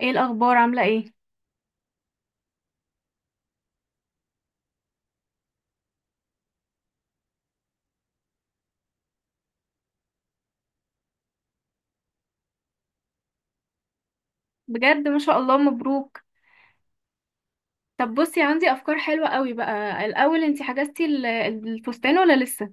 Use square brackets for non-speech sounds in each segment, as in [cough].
ايه الاخبار عامله ايه؟ بجد ما شاء الله مبروك. طب بصي، عندي افكار حلوه قوي بقى. الاول، انتي حجزتي الفستان ولا لسه؟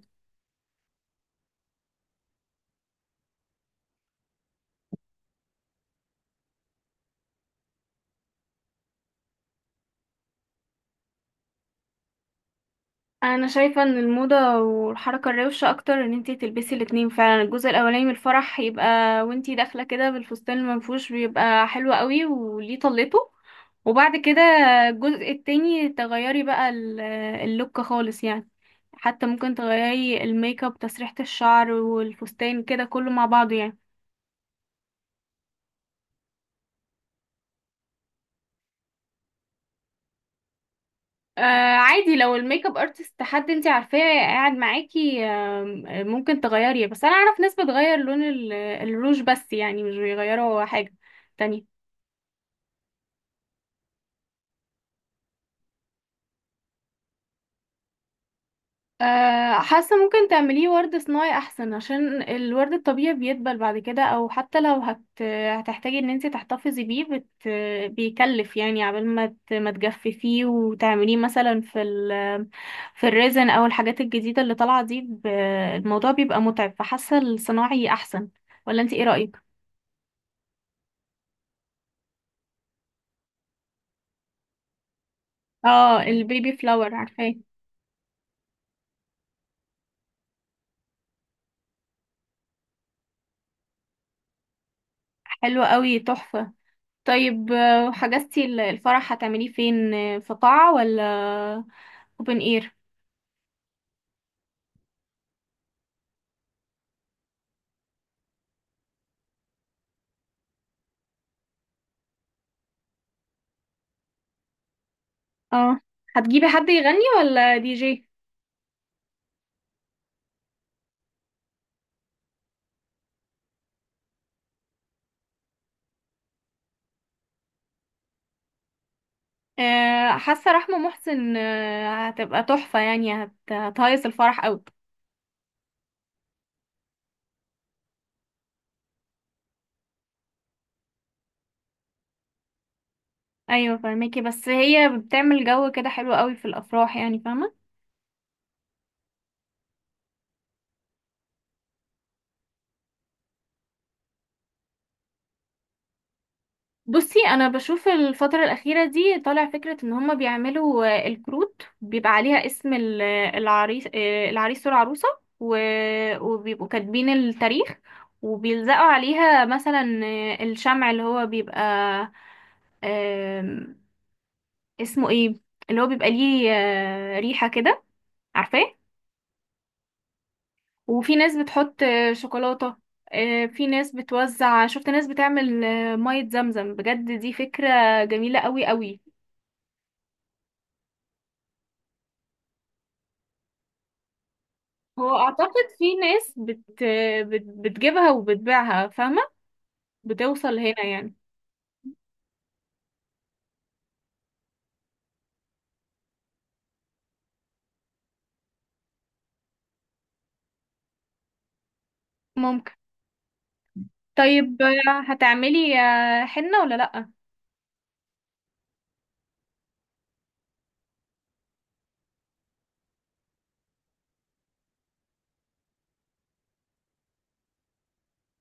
انا شايفه ان الموضه والحركه الروشه اكتر ان انتي تلبسي الاتنين فعلا. الجزء الاولاني من الفرح يبقى وانتي داخله كده بالفستان المنفوش، بيبقى حلو قوي وليه طلته. وبعد كده الجزء التاني تغيري بقى اللوك خالص يعني. حتى ممكن تغيري الميك اب، تسريحه الشعر، والفستان كده كله مع بعضه يعني. آه، عادي، لو الميك اب ارتست حد انت عارفاه قاعد معاكي آم، آه، ممكن تغيريه. بس انا اعرف ناس بتغير لون الروج بس، يعني مش بيغيروا حاجة تانية. حاسه ممكن تعمليه ورد صناعي احسن، عشان الورد الطبيعي بيدبل بعد كده. او حتى لو هتحتاجي ان انت تحتفظي بيه. بيكلف يعني، عبال ما ما تجففيه وتعمليه مثلا في في الريزن او الحاجات الجديده اللي طالعه دي. الموضوع بيبقى متعب، فحاسه الصناعي احسن. ولا انت ايه رايك؟ اه، البيبي فلاور، عارفاه. حلو قوي، تحفه. طيب، حجزتي الفرح هتعمليه فين؟ في قاعه ولا اوبن اير؟ اه، هتجيبي حد يغني ولا دي جي؟ آه، حاسه رحمه محسن آه هتبقى تحفه يعني، هتهيص الفرح قوي. ايوه فاهمكي، بس هي بتعمل جو كده حلو قوي في الافراح، يعني فاهمه. بصي، انا بشوف الفتره الاخيره دي طالع فكره ان هما بيعملوا الكروت، بيبقى عليها اسم العريس، العريس والعروسه و... وبيبقوا كاتبين التاريخ، وبيلزقوا عليها مثلا الشمع، اللي هو بيبقى اسمه ايه، اللي هو بيبقى ليه ريحة كده، عارفاه. وفي ناس بتحط شوكولاتة. في ناس بتوزع، شفت ناس بتعمل مية زمزم. بجد دي فكرة جميلة قوي قوي. هو اعتقد في ناس بتجيبها وبتبيعها، فاهمة، بتوصل هنا يعني. ممكن. طيب، هتعملي حنة ولا لأ؟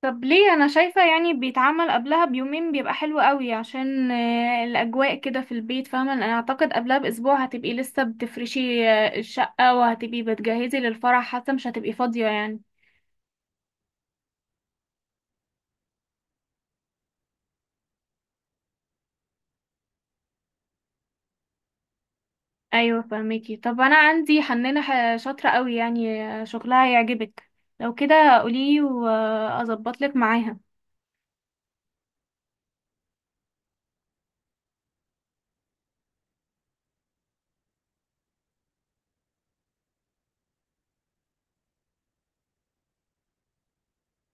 طب ليه؟ انا شايفة يعني بيتعمل قبلها بيومين بيبقى حلو قوي، عشان الاجواء كده في البيت، فاهمة. انا اعتقد قبلها باسبوع هتبقي لسه بتفرشي الشقة، وهتبقي بتجهزي للفرح، حتى مش هتبقي فاضية يعني. ايوه فهميكي. طب انا عندي حنانة شاطرة قوي يعني، شغلها هيعجبك. لو كده قولي واظبط لك معاها.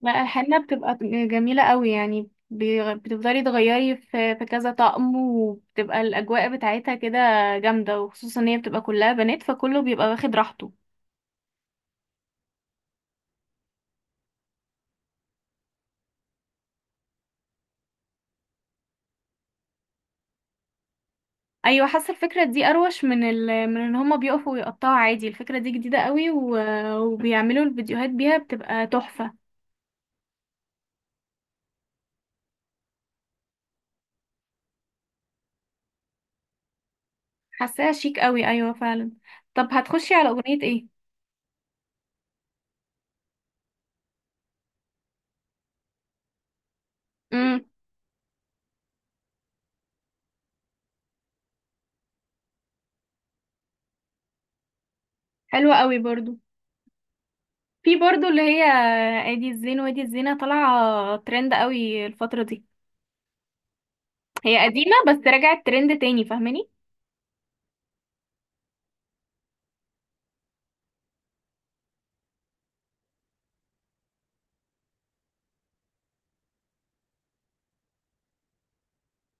ما الحنة بتبقى جميلة قوي يعني، بتفضلي تغيري في كذا طقم، وبتبقى الأجواء بتاعتها كده جامدة، وخصوصا ان هي بتبقى كلها بنات فكله بيبقى واخد راحته. ايوه حاسة الفكرة دي اروش من من ان هما بيقفوا ويقطعوا عادي. الفكرة دي جديدة قوي وبيعملوا الفيديوهات بيها بتبقى تحفة. حاساها شيك قوي، ايوه فعلا. طب هتخشي على أغنية ايه؟ امم، حلوة قوي برضو. في برضو اللي هي ادي الزين وادي الزينة، طالعة ترند قوي الفترة دي. هي قديمة بس رجعت ترند تاني، فاهماني.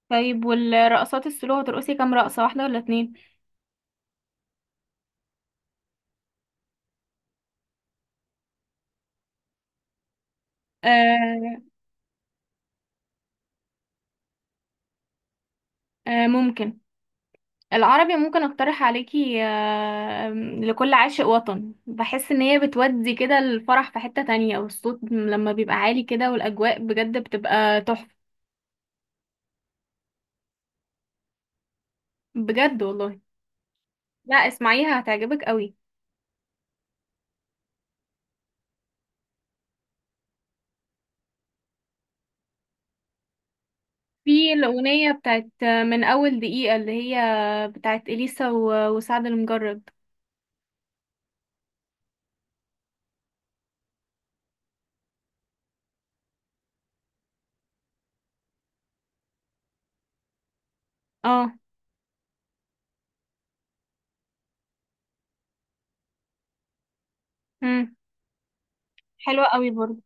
طيب والرقصات السلو هترقصي كام رقصة، واحدة ولا اتنين؟ آه. آه ممكن. العربي ممكن اقترح عليكي آه لكل عاشق وطن، بحس ان هي بتودي كده الفرح في حتة تانية، والصوت لما بيبقى عالي كده والاجواء بجد بتبقى تحفة. بجد والله. لا، اسمعيها هتعجبك قوي. في الأغنية بتاعت من أول دقيقة، اللي هي بتاعت إليسا وسعد المجرد. اه. مم. حلوة قوي برضه.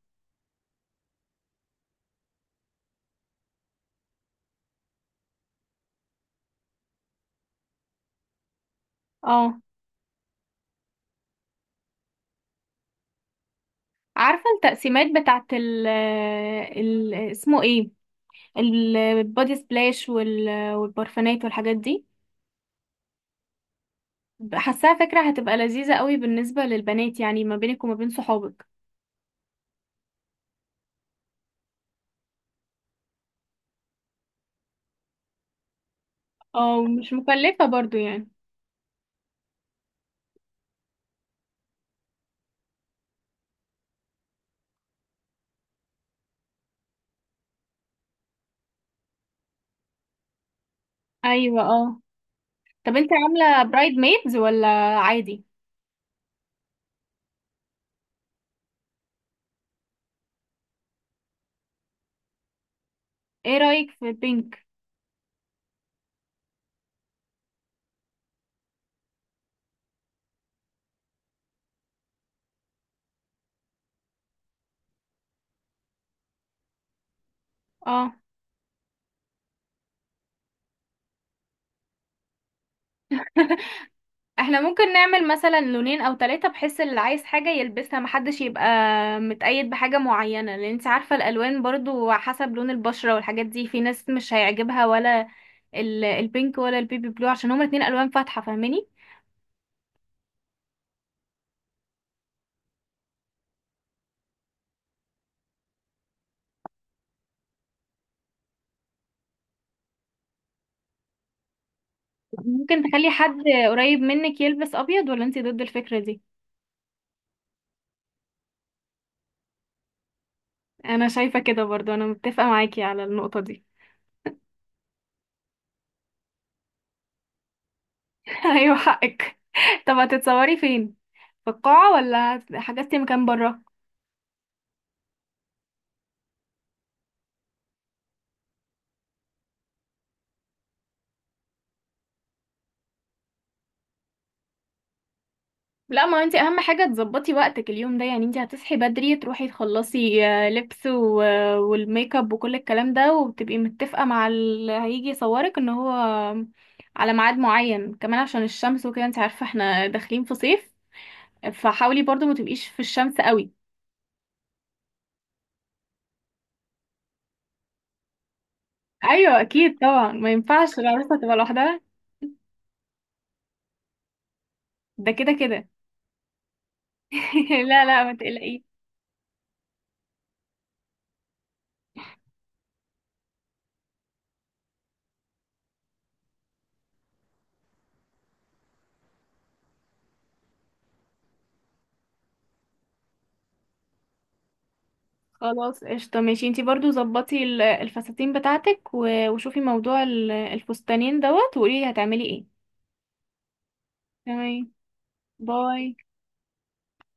اه، عارفة التقسيمات بتاعت ال، ال اسمه ايه، البودي سبلاش وال- والبرفانات والحاجات دي. حاساها فكرة هتبقى لذيذة قوي بالنسبة للبنات، يعني ما بينك وما بين صحابك. اه مش مكلفة برضو يعني. ايوه، اه. طب انت عاملة برايد ميدز ولا عادي؟ ايه رأيك في بينك؟ اه. [laughs] احنا ممكن نعمل مثلا لونين او ثلاثة، بحيث اللي عايز حاجة يلبسها، محدش يبقى متقيد بحاجة معينة، لان انت عارفة الالوان برضو حسب لون البشرة والحاجات دي، في ناس مش هيعجبها ولا البينك ولا البيبي بلو، عشان هما الاتنين الوان فاتحة فاهماني. ممكن تخلي حد قريب منك يلبس ابيض، ولا انت ضد الفكرة دي؟ انا شايفة كده برضو، انا متفقة معاكي على النقطة دي. [laughs] ايوه حقك. طب هتتصوري فين، في القاعة ولا حجزتي مكان برا؟ لا، ما انت اهم حاجة تظبطي وقتك اليوم ده يعني. انت هتصحي بدري، تروحي تخلصي لبس و والميك اب وكل الكلام ده، وبتبقي متفقة مع اللي هيجي يصورك ان هو على ميعاد معين، كمان عشان الشمس وكده، انت عارفة احنا داخلين في صيف، فحاولي برضو ما تبقيش في الشمس قوي. ايوه اكيد طبعا، ما ينفعش العروسة تبقى لوحدها. ده كده كده. [laughs] لا لا، ما تقلقيش. خلاص قشطة، ماشي. انتي برضو ظبطي الفساتين بتاعتك و وشوفي موضوع الفستانين دوت، وقولي هتعملي ايه. تمام. باي.